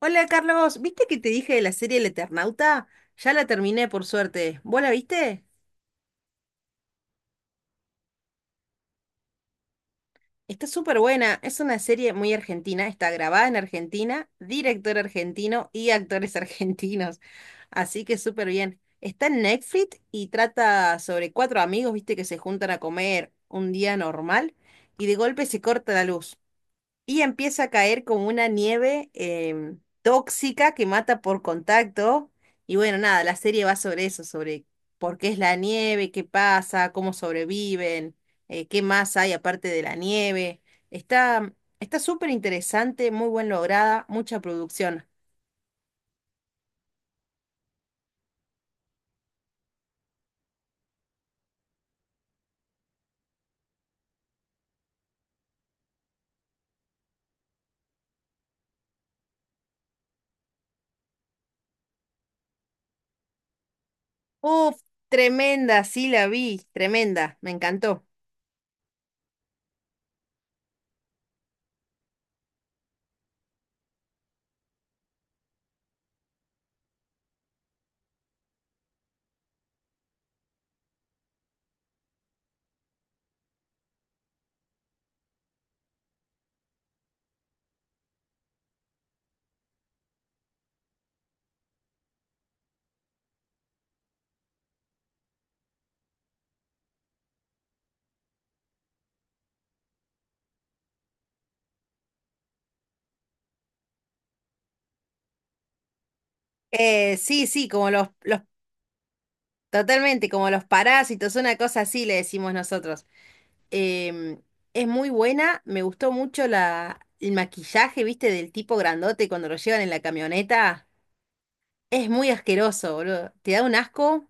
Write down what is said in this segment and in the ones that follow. Hola Carlos, ¿viste que te dije de la serie El Eternauta? Ya la terminé por suerte. ¿Vos la viste? Está súper buena, es una serie muy argentina, está grabada en Argentina, director argentino y actores argentinos, así que súper bien. Está en Netflix y trata sobre cuatro amigos, viste, que se juntan a comer un día normal y de golpe se corta la luz. Y empieza a caer como una nieve tóxica que mata por contacto. Y bueno, nada, la serie va sobre eso, sobre por qué es la nieve, qué pasa, cómo sobreviven, qué más hay aparte de la nieve. Está, está súper interesante, muy bien lograda, mucha producción. Uf, tremenda, sí la vi, tremenda, me encantó. Sí, sí, como los, totalmente, como los parásitos, una cosa así le decimos nosotros. Em, es muy buena, me gustó mucho el maquillaje, viste, del tipo grandote cuando lo llevan en la camioneta. Es muy asqueroso, boludo. ¿Te da un asco?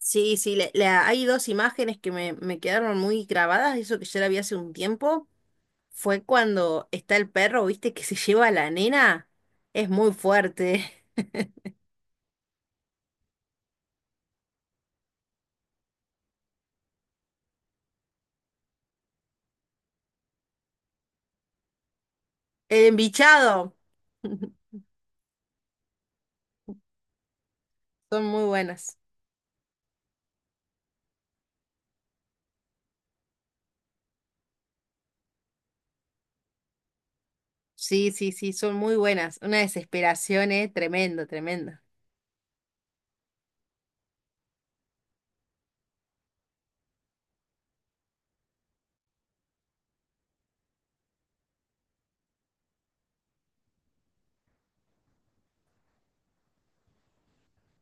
Sí, sí, hay dos imágenes que me quedaron muy grabadas, eso que yo la vi hace un tiempo. Fue cuando está el perro, viste, que se lleva a la nena. Es muy fuerte. El embichado. Son muy buenas. Sí, sí, sí, son muy buenas. Una desesperación, tremendo, tremendo.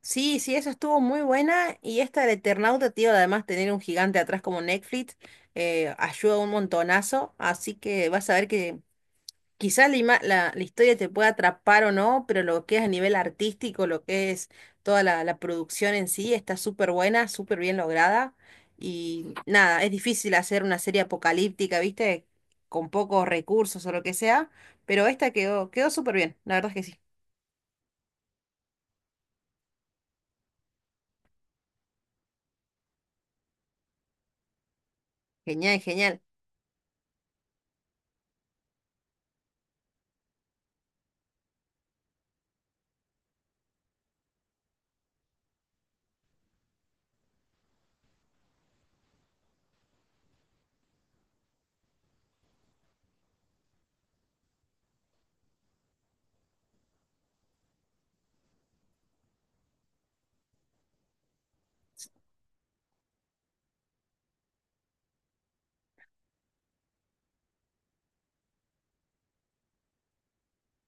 Sí, sí, eso estuvo muy buena. Y esta del Eternauta, tío, además tener un gigante atrás como Netflix, ayuda un montonazo. Así que vas a ver que quizás la, ima- la- la historia te pueda atrapar o no, pero lo que es a nivel artístico, lo que es toda la producción en sí, está súper buena, súper bien lograda. Y nada, es difícil hacer una serie apocalíptica, ¿viste? Con pocos recursos o lo que sea, pero esta quedó súper bien, la verdad es que sí. Genial, genial.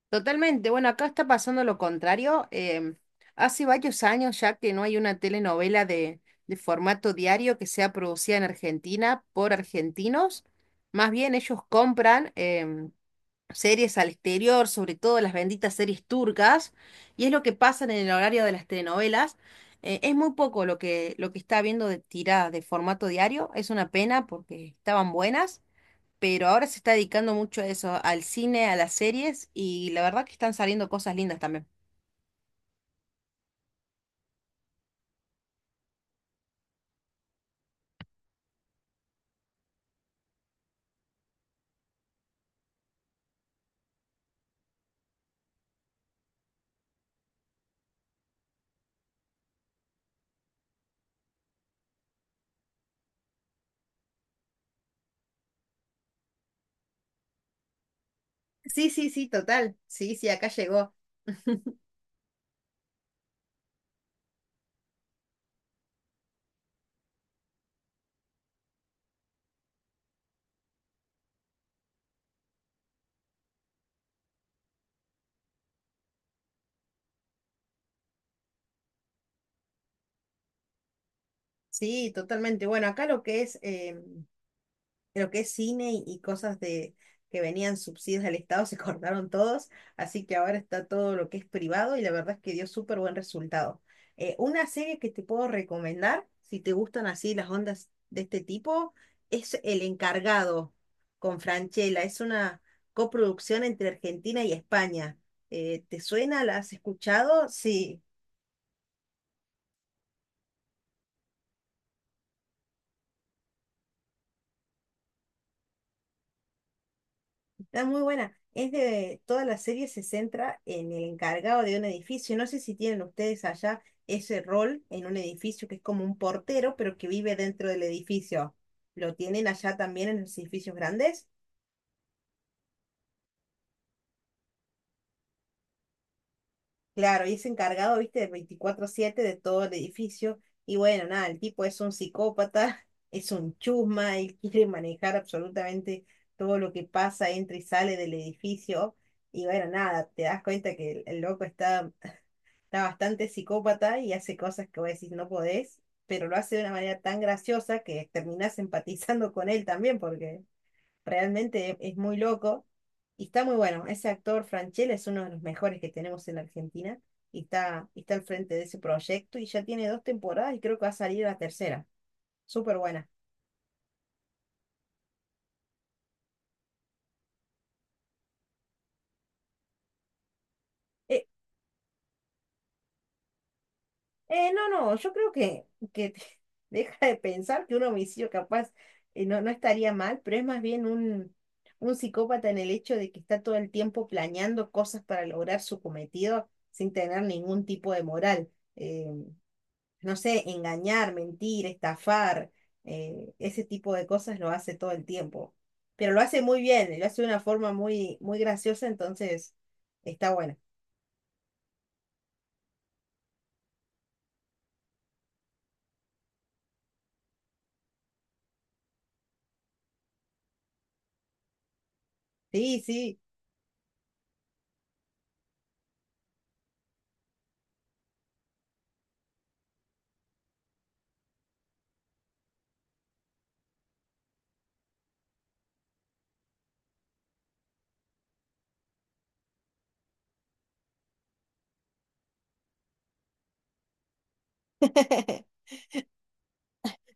Totalmente. Bueno, acá está pasando lo contrario. Hace varios años ya que no hay una telenovela de formato diario que sea producida en Argentina por argentinos. Más bien ellos compran series al exterior, sobre todo las benditas series turcas, y es lo que pasa en el horario de las telenovelas. Es muy poco lo que está habiendo de tiradas de formato diario. Es una pena porque estaban buenas pero ahora se está dedicando mucho a eso, al cine, a las series, y la verdad que están saliendo cosas lindas también. Sí, sí, sí, total. Sí, sí, acá llegó. Sí, totalmente. Bueno, acá lo que es cine y cosas de que venían subsidios del Estado se cortaron todos, así que ahora está todo lo que es privado y la verdad es que dio súper buen resultado. Una serie que te puedo recomendar, si te gustan así las ondas de este tipo, es El Encargado con Franchella. Es una coproducción entre Argentina y España. ¿Te suena? ¿La has escuchado? Sí. Está muy buena. Es de, toda la serie se centra en el encargado de un edificio. No sé si tienen ustedes allá ese rol en un edificio que es como un portero, pero que vive dentro del edificio. ¿Lo tienen allá también en los edificios grandes? Claro, y es encargado, viste, de 24/7 de todo el edificio. Y bueno, nada, el tipo es un psicópata, es un chusma, él quiere manejar absolutamente todo lo que pasa, entra y sale del edificio. Y bueno, nada, te das cuenta que el loco está bastante psicópata y hace cosas que vos decís no podés, pero lo hace de una manera tan graciosa que terminás empatizando con él también porque realmente es muy loco y está muy bueno. Ese actor Franchella es uno de los mejores que tenemos en la Argentina y está al frente de ese proyecto y ya tiene dos temporadas y creo que va a salir la tercera. Súper buena. No, yo creo que deja de pensar que un homicidio capaz no, no estaría mal, pero es más bien un psicópata en el hecho de que está todo el tiempo planeando cosas para lograr su cometido sin tener ningún tipo de moral. Eh, no sé, engañar, mentir, estafar, ese tipo de cosas lo hace todo el tiempo. Pero lo hace muy bien, lo hace de una forma muy graciosa, entonces está bueno. Sí, sí.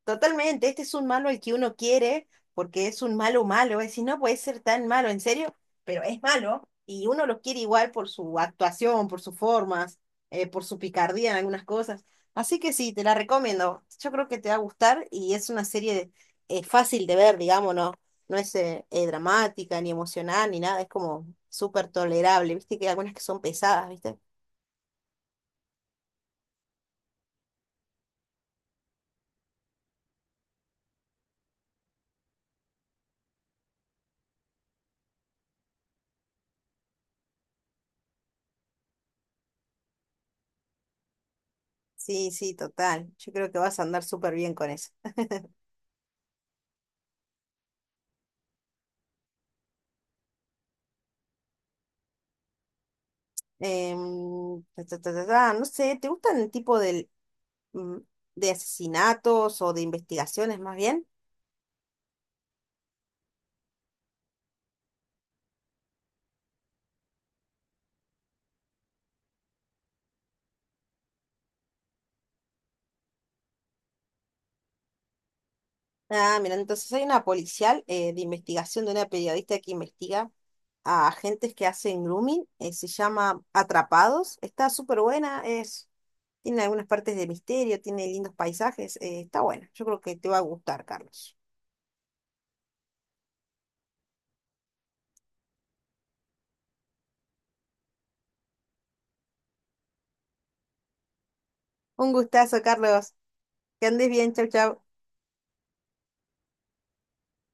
Totalmente, este es un malo al que uno quiere, porque es un malo malo, es decir, no puede ser tan malo, en serio, pero es malo, y uno lo quiere igual por su actuación, por sus formas, por su picardía en algunas cosas. Así que sí, te la recomiendo. Yo creo que te va a gustar y es una serie fácil de ver, digamos, no, no es dramática, ni emocional, ni nada, es como súper tolerable, viste que hay algunas que son pesadas, ¿viste? Sí, sí, total. Yo creo que vas a andar súper bien con eso. Em, ta, ta, ta, ta, ta, no sé, ¿te gustan el tipo mm, de asesinatos o de investigaciones más bien? Ah, mira, entonces hay una policial de investigación de una periodista que investiga a agentes que hacen grooming, se llama Atrapados, está súper buena, es, tiene algunas partes de misterio, tiene lindos paisajes, está buena, yo creo que te va a gustar, Carlos. Un gustazo, Carlos, que andes bien, chau, chau.